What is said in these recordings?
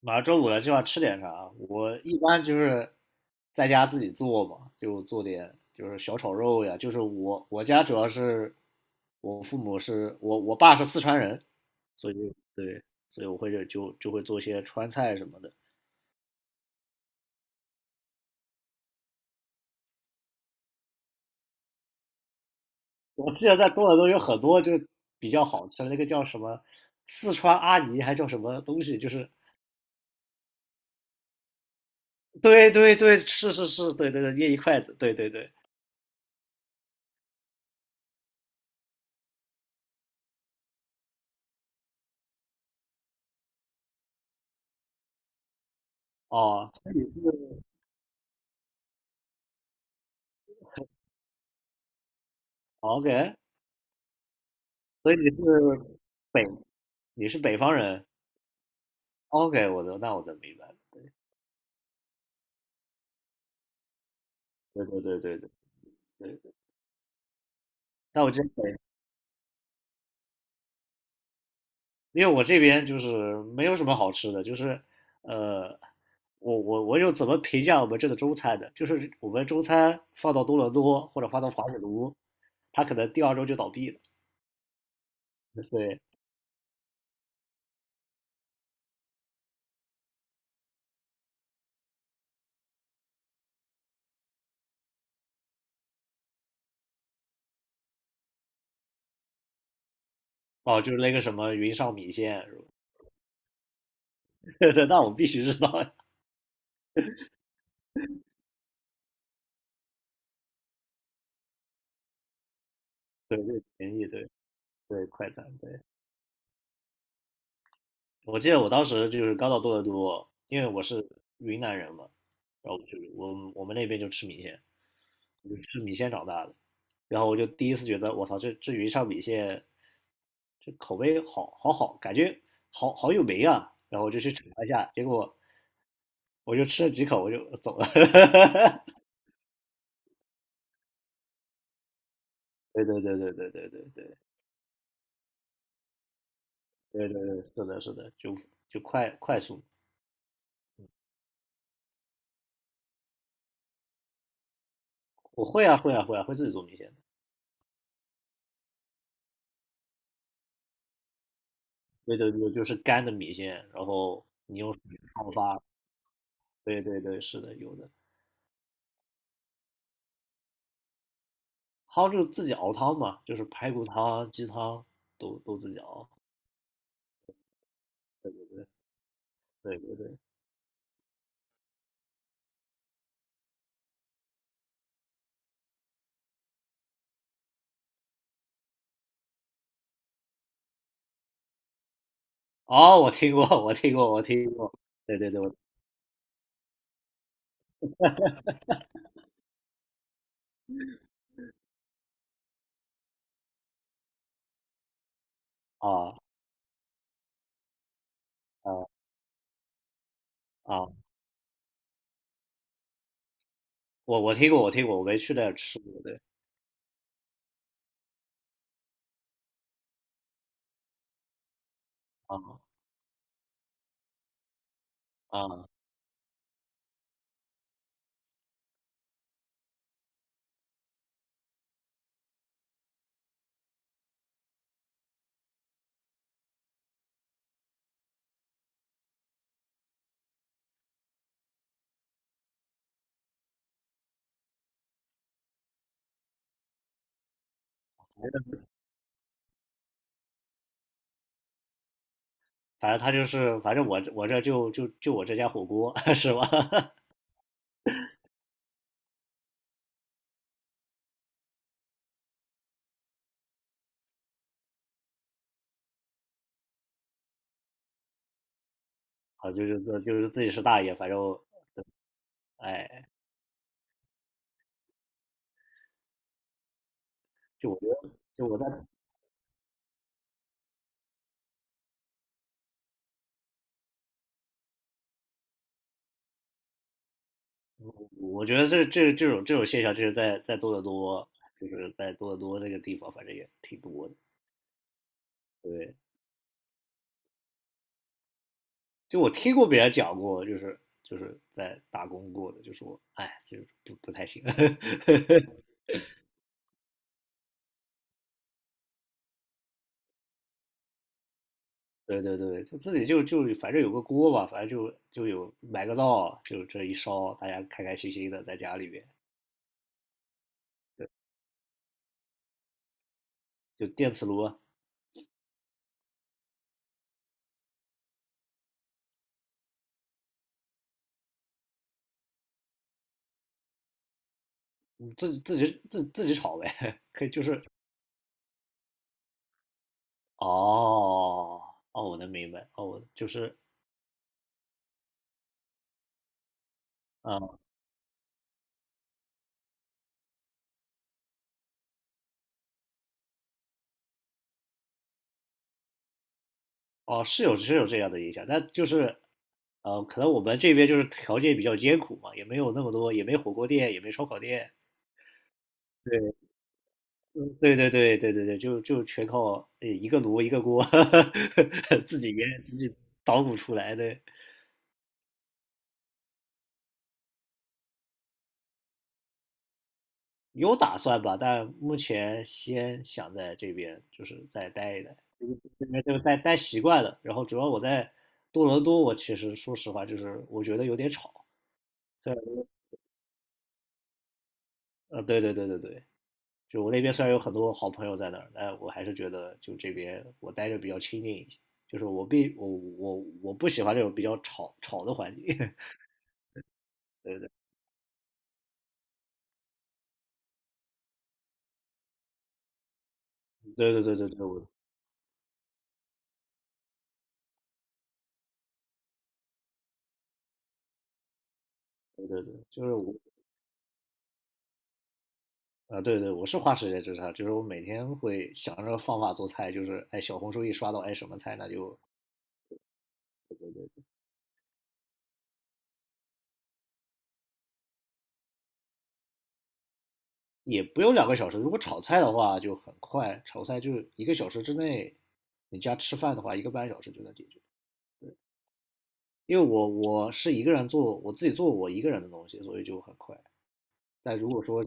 马上周五了，今晚吃点啥？我一般就是在家自己做嘛，就做点就是小炒肉呀。就是我家主要是我父母是我爸是四川人，所以对，所以我会就会做一些川菜什么的。我记得在多伦多有很多就是比较好吃的，那个叫什么四川阿姨还叫什么东西，就是对对对，是是是，对对对，捏一筷子，对对对，哦，所以你是 OK，所以北你是北方人，哦，OK，我的那我的明白了。对对对对对对。那我真北，因为我这边就是没有什么好吃的，就是呃，我有怎么评价我们这的中餐的？就是我们中餐放到多伦多或者放到华北卢，他可能第二周就倒闭了。对，哦，就是那个什么云上米线，是吧？ 那我必须知道呀。对，这个便宜，对对，快餐，对。我记得我当时就是刚到多伦多，因为我是云南人嘛，然后就是我们那边就吃米线，我就吃米线长大的，然后我就第一次觉得我操，这云上米线，这口味好好好，感觉好好有名啊，然后我就去尝一下，结果我就吃了几口我就走了。对对对对对对对对对对对，是的，是的，就快速，我会啊会啊会啊，会自己做米线。对对对，就是干的米线，然后你用水泡发。对对对，是的，有的。还就自己熬汤嘛，就是排骨汤、鸡汤都自己熬。对对对对对。哦，我听过，我听过，我听过。对对对，我啊啊啊，我听过，我听过，我没去那儿吃过。对啊啊，反正他就是，反正我这就我这家火锅 是吧？啊，就是自己是大爷，反正哎，就我觉得，就我在我觉得这种现象，就是在多得多，就是在多得多那个地方，反正也挺多的。对，就我听过别人讲过，就是在打工过的，就说哎，就是不太行。对对对，就自己反正有个锅吧，反正有买个灶，就这一烧，大家开开心心的在家里边，就电磁炉，嗯自己炒呗，可以就是哦哦，我能明白哦，就是。呃哦，是有这样的影响，但就是可能我们这边就是条件比较艰苦嘛，也没有那么多，也没火锅店，也没烧烤店。对，嗯对对对对对对，就全靠一个炉一个锅，自己给自己捣鼓出来的。有打算吧，但目前先想在这边就是再待一待，这边就待待习惯了。然后主要我在多伦多，我其实说实话就是我觉得有点吵，虽然对对对对对，就我那边虽然有很多好朋友在那儿，但我还是觉得就这边我待着比较清静一些。就是我不喜欢这种比较吵吵的环境。对对对对对对对，我对对对，就是我啊，对对，我是花时间吃它，就是我每天会想着方法做菜，就是哎小红书一刷到哎什么菜，那就也不用2个小时。如果炒菜的话就很快，炒菜就是1个小时之内，你家吃饭的话1个半小时就能解决。因为我是一个人做，我自己做我一个人的东西，所以就很快。但如果说，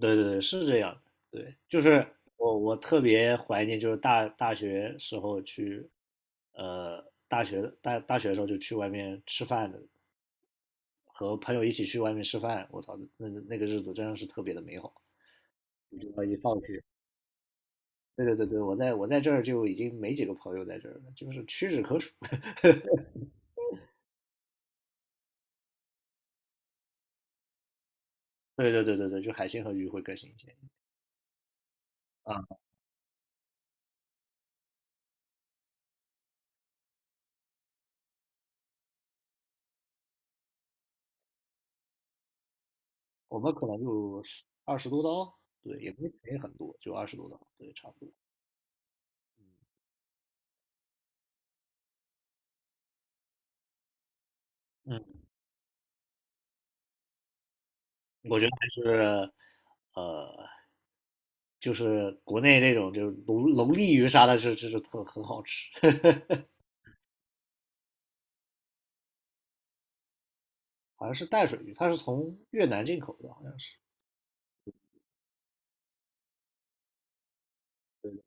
对对对，是这样的，对，就是我特别怀念，就是大学时候去，大学的时候就去外面吃饭的，和朋友一起去外面吃饭，我操，那个日子真的是特别的美好。就要一放学，对对对对，我在这儿就已经没几个朋友在这儿了，就是屈指可数。对对对对对，就海鲜和鱼会更新鲜啊，我们可能就二十多刀，对，也不是宜很多，就二十多刀，对，差不多。嗯。我觉得还是，呃，就是国内那种就是龙利鱼啥的，是就是特很好吃，好像是淡水鱼，它是从越南进口的，好像是。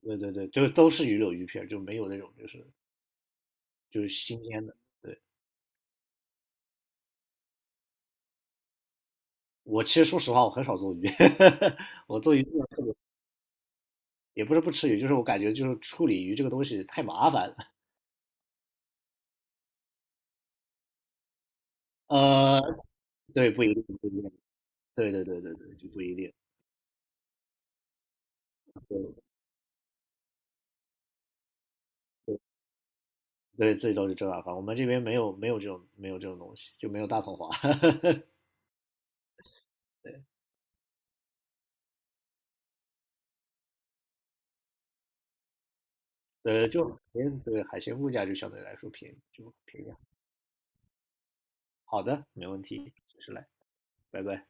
对对对，就都是鱼柳鱼片儿就没有那种就是新鲜的。对，我其实说实话，我很少做鱼，我做鱼做的特别，也不是不吃鱼，就是我感觉就是处理鱼这个东西太麻烦了。呃，对，不一定，不一定，对对对对对，就不一定。对对，最都是正大方。我们这边没有这种东西，就没有大统华。对，就对海鲜物价就相对来说便宜，就便宜。好的，没问题，随时来，拜拜。